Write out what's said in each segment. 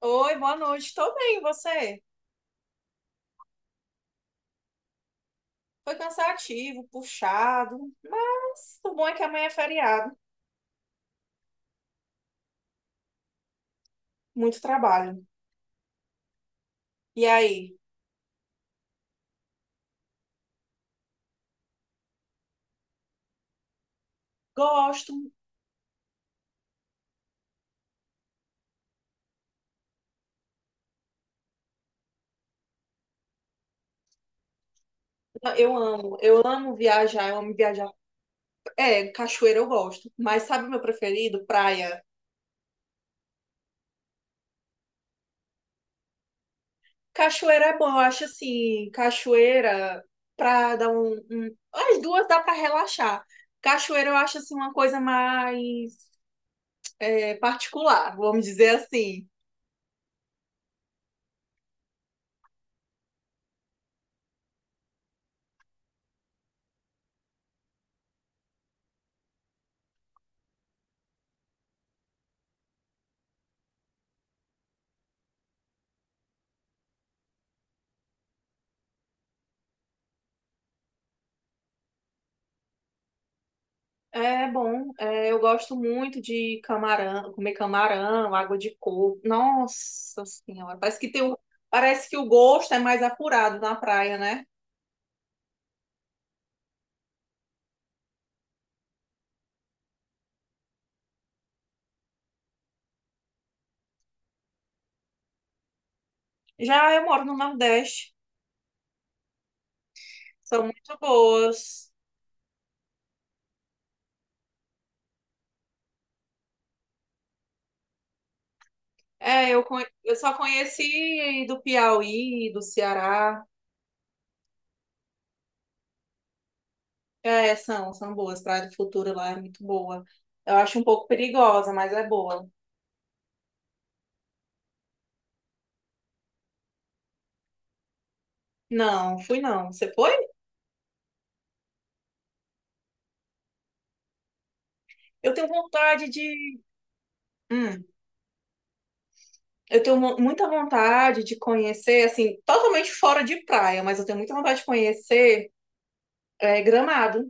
Oi, boa noite. Tô bem, e você? Foi cansativo, puxado, mas o bom é que amanhã é feriado, muito trabalho. E aí? Gosto, eu amo viajar, eu amo viajar. É, cachoeira eu gosto, mas sabe o meu preferido? Praia. Cachoeira é bom, eu acho assim, cachoeira pra dar as duas dá pra relaxar. Cachoeira eu acho assim uma coisa mais particular, vamos dizer assim. É bom, eu gosto muito de camarão, comer camarão, água de coco. Nossa Senhora, parece que o gosto é mais apurado na praia, né? Já eu moro no Nordeste, são muito boas. É, eu só conheci do Piauí, do Ceará. É, são boas. Praia do Futuro lá é muito boa. Eu acho um pouco perigosa, mas é boa. Não, fui não. Você foi? Eu tenho vontade de. Hum. Eu tenho muita vontade de conhecer, assim, totalmente fora de praia, mas eu tenho muita vontade de conhecer Gramado,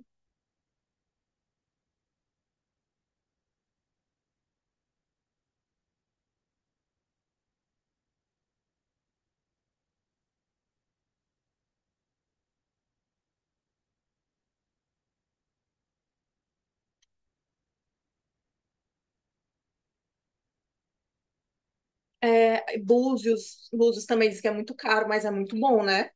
Búzios. Búzios também diz que é muito caro, mas é muito bom, né?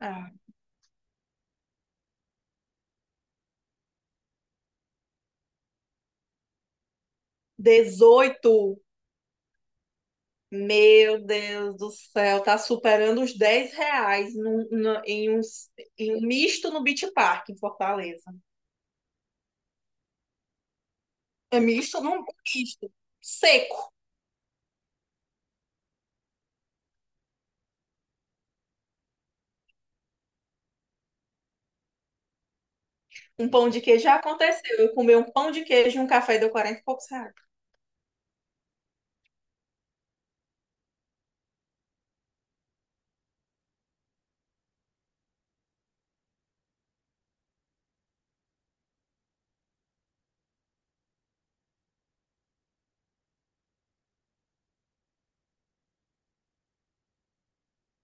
Ah, 18, meu Deus do céu, tá superando os 10 reais em um misto no Beach Park, em Fortaleza. É misto num misto, seco. Um pão de queijo já aconteceu. Eu comi um pão de queijo e um café e deu 40 e poucos reais.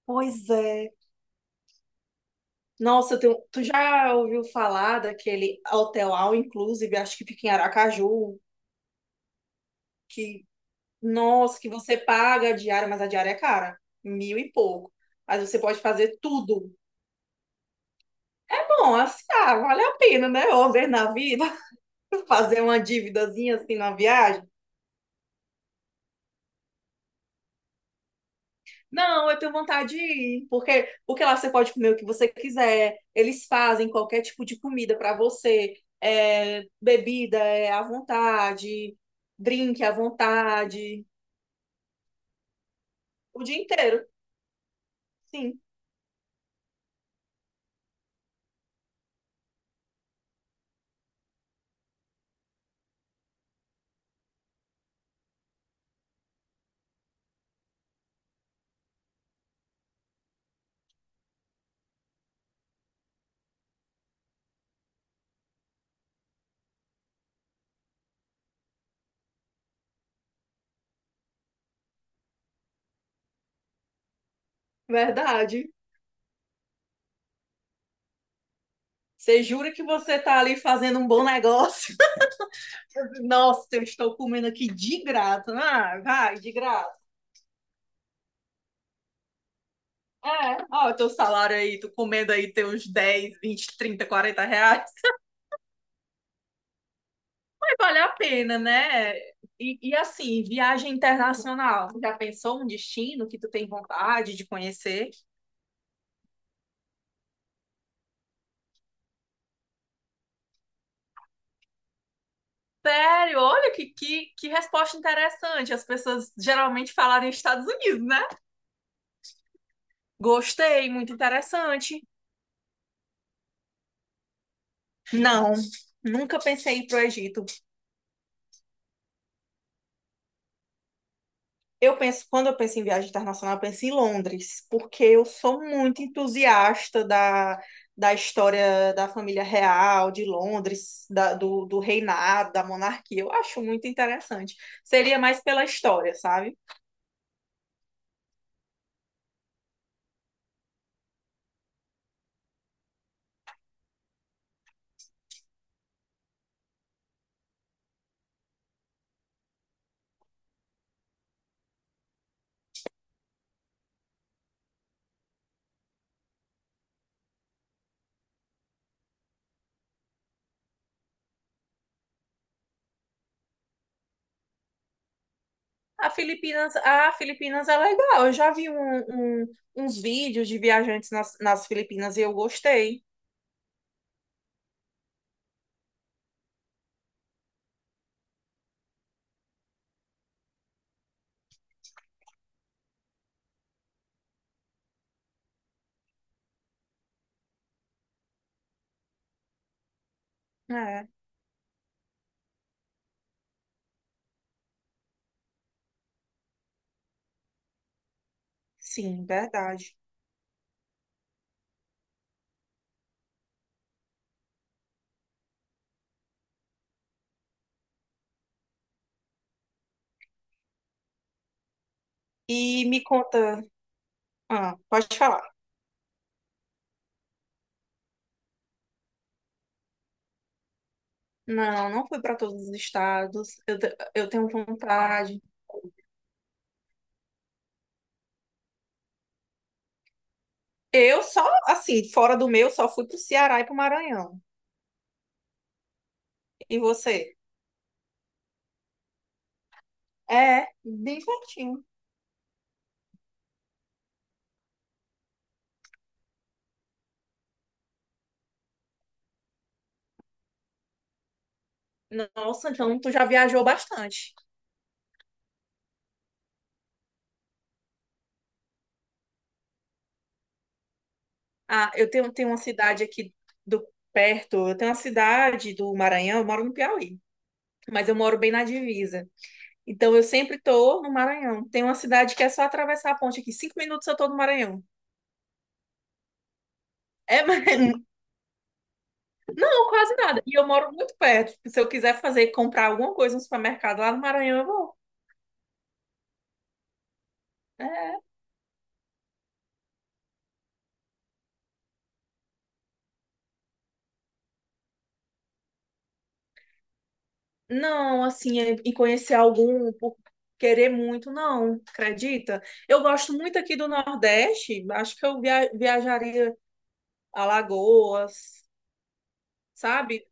Pois é. Nossa, tu já ouviu falar daquele hotel all inclusive, acho que fica em Aracaju, que, nossa, que você paga a diária, mas a diária é cara, mil e pouco. Mas você pode fazer tudo. Bom, assim, ah, vale a pena, né? Uma vez na vida, fazer uma dívidazinha assim na viagem. Não, eu tenho vontade de ir, porque lá você pode comer o que você quiser, eles fazem qualquer tipo de comida para você, bebida é à vontade, drink à vontade, o dia inteiro, sim, verdade. Você jura que você tá ali fazendo um bom negócio? Nossa, eu estou comendo aqui de graça, ah, vai, de graça. É, ó, o teu salário aí, tu comendo aí teus 10, 20, 30, 40 reais. Vale a pena, né? E assim, viagem internacional. Você já pensou um destino que tu tem vontade de conhecer? Sério, olha que resposta interessante. As pessoas geralmente falaram Estados Unidos, né? Gostei, muito interessante. Não, nunca pensei em ir pro Egito. Eu penso, quando eu penso em viagem internacional, eu penso em Londres, porque eu sou muito entusiasta da história da família real de Londres, do reinado, da monarquia. Eu acho muito interessante. Seria mais pela história, sabe? A Filipinas é legal. Eu já vi uns vídeos de viajantes nas Filipinas e eu gostei. É, sim, verdade. E me conta, ah, pode falar. Não, não fui para todos os estados. Eu tenho vontade. Eu só, assim, fora do meu, só fui pro Ceará e pro Maranhão. E você? É, bem pertinho. Nossa, então tu já viajou bastante. Ah, eu tenho uma cidade aqui do perto. Eu tenho uma cidade do Maranhão, eu moro no Piauí, mas eu moro bem na divisa. Então eu sempre tô no Maranhão. Tem uma cidade que é só atravessar a ponte aqui. 5 minutos eu tô no Maranhão. É Não, quase nada. E eu moro muito perto. Tipo, se eu quiser fazer, comprar alguma coisa no supermercado lá no Maranhão, eu vou. É. Não, assim, e conhecer algum por querer muito, não, acredita? Eu gosto muito aqui do Nordeste. Acho que eu viajaria a Lagoas, sabe?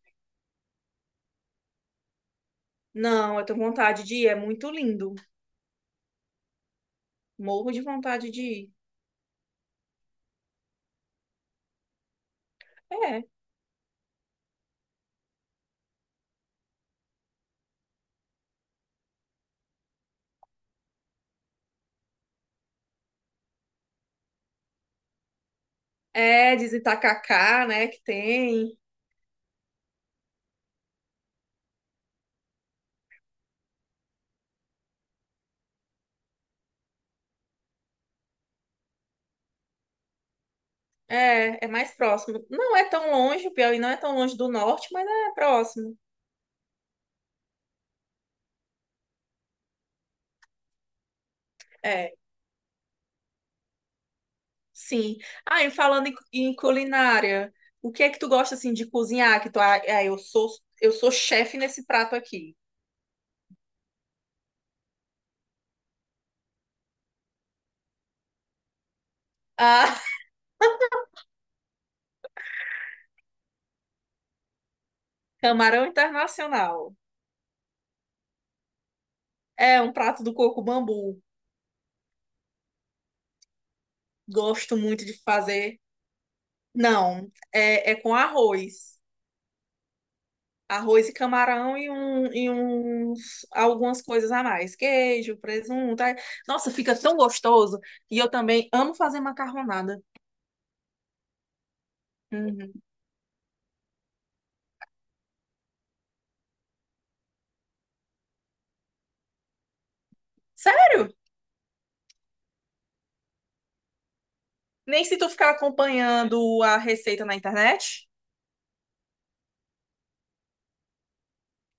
Não, eu tenho vontade de ir. É muito lindo. Morro de vontade de ir. É. É, diz Itacacá, né, que tem. É mais próximo. Não é tão longe, o Piauí não é tão longe do norte, mas é próximo. É, sim. Ah, e falando em culinária, o que é que tu gosta assim de cozinhar? Que tu, eu sou chefe nesse prato aqui. Ah, camarão internacional. É um prato do coco bambu. Gosto muito de fazer. Não, é com arroz. Arroz e camarão e, um, e uns, algumas coisas a mais. Queijo, presunto. Ai, nossa, fica tão gostoso. E eu também amo fazer macarronada. Uhum. Sério? Nem se tu ficar acompanhando a receita na internet.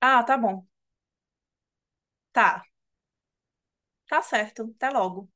Ah, tá bom. Tá, tá certo. Até logo.